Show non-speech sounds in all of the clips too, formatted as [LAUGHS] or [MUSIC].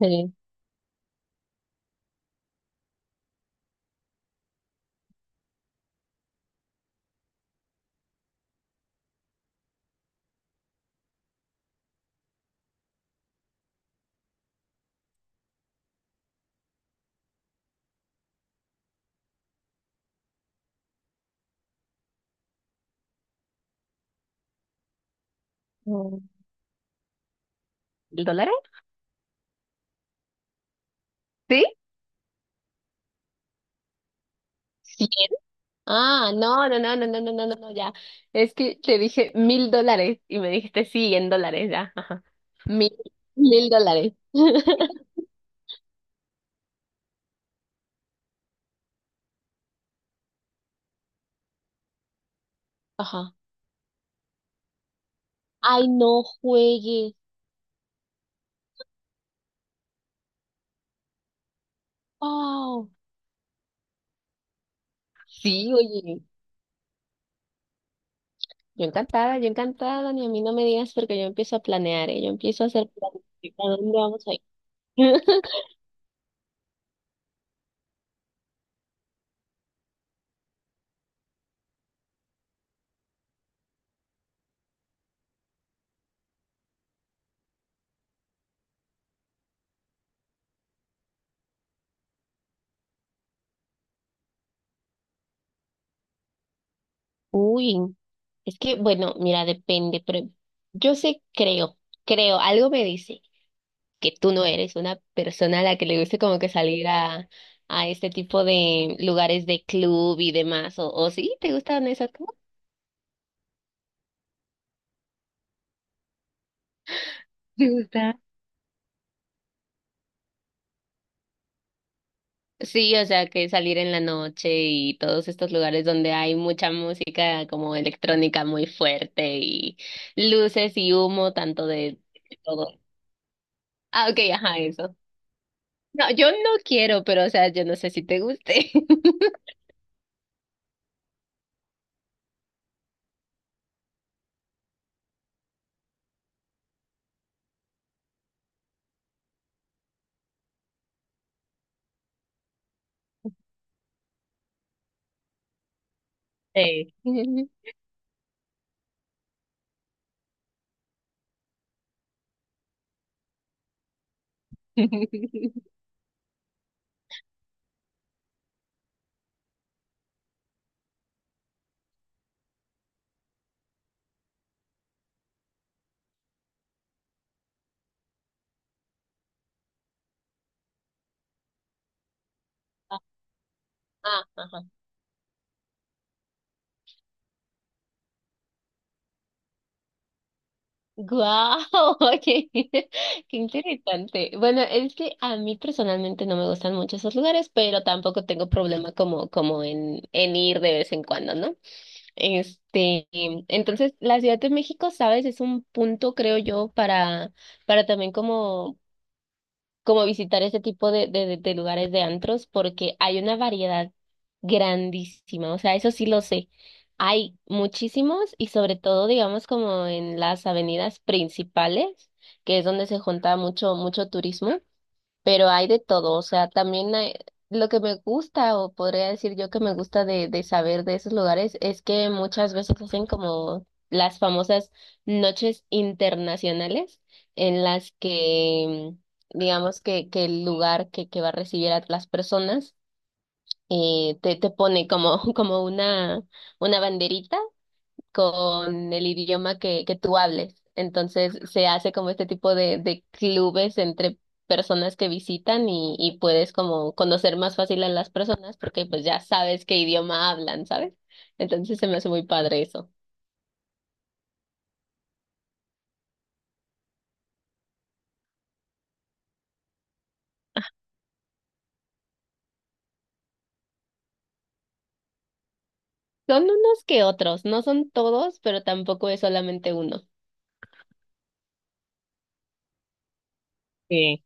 Sí. Mm, ¿Dólares? ¿Sí? Sí. Ah, no, no, no, no, no, no, no, no, no, ya. Es que te dije $1,000 y me dijiste sí, en dólares, ya. Ajá. Mil, mil dólares. [LAUGHS] Ajá. Ay, no juegues. Oh, sí, oye. Yo encantada, ni a mí no me digas porque yo empiezo a planear, ¿eh? Yo empiezo a hacer planes. ¿A dónde vamos a ir? [LAUGHS] Uy, es que, bueno, mira, depende, pero yo sé, creo, algo me dice que tú no eres una persona a la que le guste como que salir a este tipo de lugares de club y demás, o sí, ¿te gustan esas cosas? ¿Te gusta? Sí, o sea, que salir en la noche y todos estos lugares donde hay mucha música como electrónica muy fuerte y luces y humo, tanto de todo. Ah, ok, ajá, eso. No, yo no quiero, pero o sea, yo no sé si te guste. [LAUGHS] Sí. [LAUGHS] Ah, ajá. Guau, [LAUGHS] oye [LAUGHS] qué interesante. Bueno, es que a mí personalmente no me gustan mucho esos lugares, pero tampoco tengo problema como en, ir de vez en cuando, ¿no? Este, entonces la Ciudad de México, sabes, es un punto, creo yo, para, también como visitar ese tipo de, de lugares de antros porque hay una variedad grandísima, o sea, eso sí lo sé. Hay muchísimos y sobre todo, digamos, como en las avenidas principales, que es donde se junta mucho, mucho turismo, pero hay de todo, o sea, también lo que me gusta, o podría decir yo que me gusta de saber de esos lugares, es que muchas veces hacen como las famosas noches internacionales en las que, digamos, que el lugar que va a recibir a las personas, te pone como, [LAUGHS] como una banderita con el idioma que tú hables. Entonces se hace como este tipo de clubes entre personas que visitan y puedes como conocer más fácil a las personas porque pues ya sabes qué idioma hablan, ¿sabes? Entonces se me hace muy padre eso. Son unos que otros, no son todos, pero tampoco es solamente uno. Sí.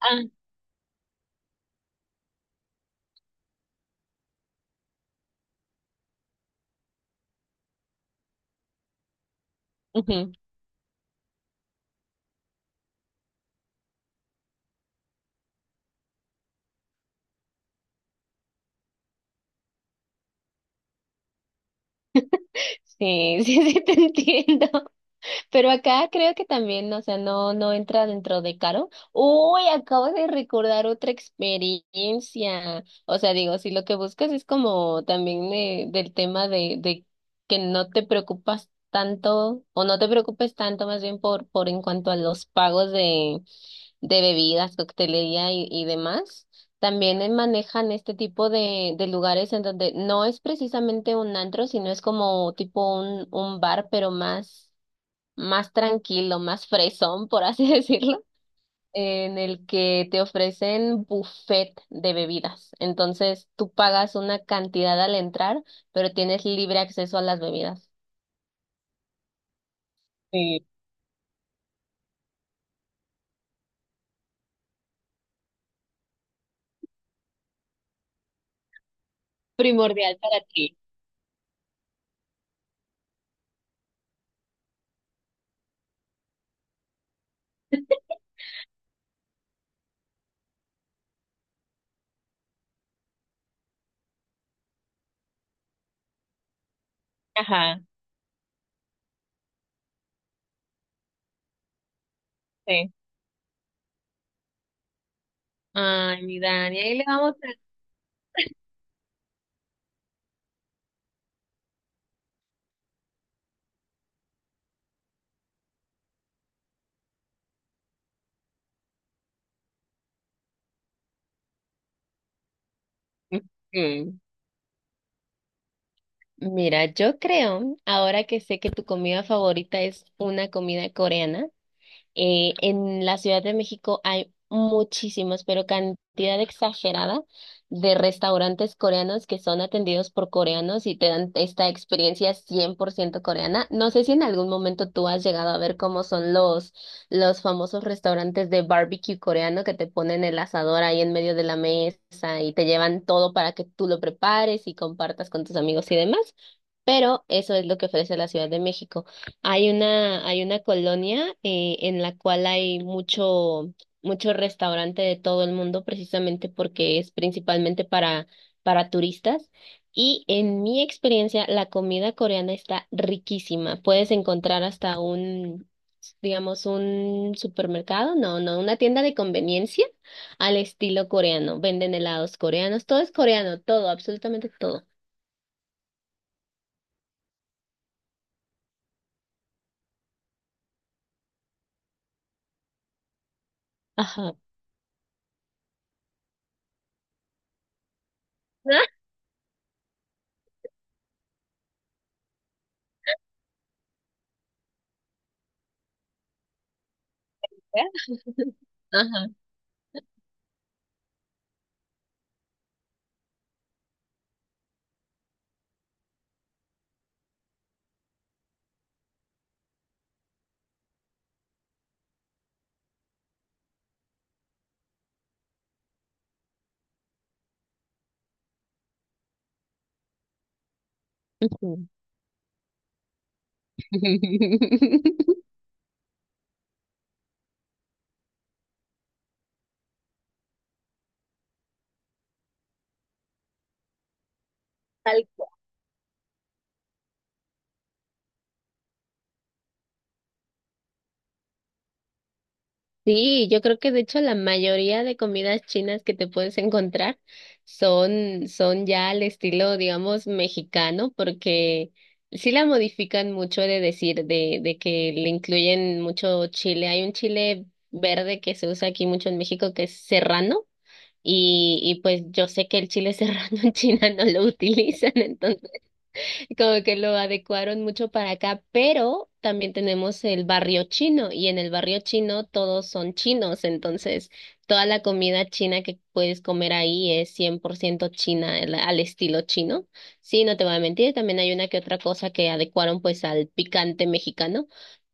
Ah, ujú. Sí, [LAUGHS] sí, sí, te entiendo. Pero acá creo que también, o sea, no entra dentro de caro. Uy, acabo de recordar otra experiencia. O sea, digo, si lo que buscas es como también del tema de que no te preocupas tanto, o no te preocupes tanto más bien por en cuanto a los pagos de bebidas, coctelería y demás. También manejan este tipo de lugares en donde no es precisamente un antro, sino es como tipo un bar, pero más tranquilo, más fresón, por así [LAUGHS] decirlo, en el que te ofrecen buffet de bebidas. Entonces, tú pagas una cantidad al entrar, pero tienes libre acceso a las bebidas. Sí, primordial para ti. Ajá, sí. Ay, mi Dani, ahí le vamos a... Mm. Mira, yo creo, ahora que sé que tu comida favorita es una comida coreana. En la Ciudad de México hay muchísimos, pero cantidad exagerada de restaurantes coreanos que son atendidos por coreanos y te dan esta experiencia 100% coreana. No sé si en algún momento tú has llegado a ver cómo son los, famosos restaurantes de barbecue coreano que te ponen el asador ahí en medio de la mesa y te llevan todo para que tú lo prepares y compartas con tus amigos y demás. Pero eso es lo que ofrece la Ciudad de México. Hay una colonia, en la cual hay mucho, mucho restaurante de todo el mundo, precisamente porque es principalmente para, turistas. Y en mi experiencia, la comida coreana está riquísima. Puedes encontrar hasta un, digamos, un supermercado, no, no, una tienda de conveniencia al estilo coreano. Venden helados coreanos, todo es coreano, todo, absolutamente todo. Ajá. [LAUGHS] Ajá. Ujú. [LAUGHS] Tal cual. Sí, yo creo que de hecho la mayoría de comidas chinas que te puedes encontrar son ya al estilo, digamos, mexicano, porque sí la modifican mucho he de decir, de que le incluyen mucho chile. Hay un chile verde que se usa aquí mucho en México que es serrano, y pues yo sé que el chile [LAUGHS] serrano en China no lo utilizan, como que lo adecuaron mucho para acá, pero también tenemos el barrio chino y en el barrio chino todos son chinos, entonces toda la comida china que puedes comer ahí es 100% china al estilo chino. Sí, no te voy a mentir, también hay una que otra cosa que adecuaron pues al picante mexicano,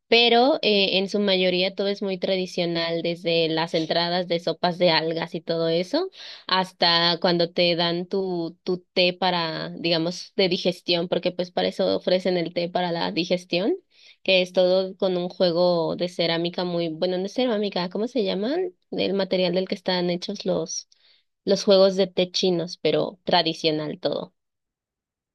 pero en su mayoría todo es muy tradicional, desde las entradas de sopas de algas y todo eso, hasta cuando te dan tu, té para, digamos, de digestión, porque pues para eso ofrecen el té para la digestión, que es todo con un juego de cerámica muy, bueno, no es cerámica, ¿cómo se llaman? El material del que están hechos los, juegos de té chinos, pero tradicional todo.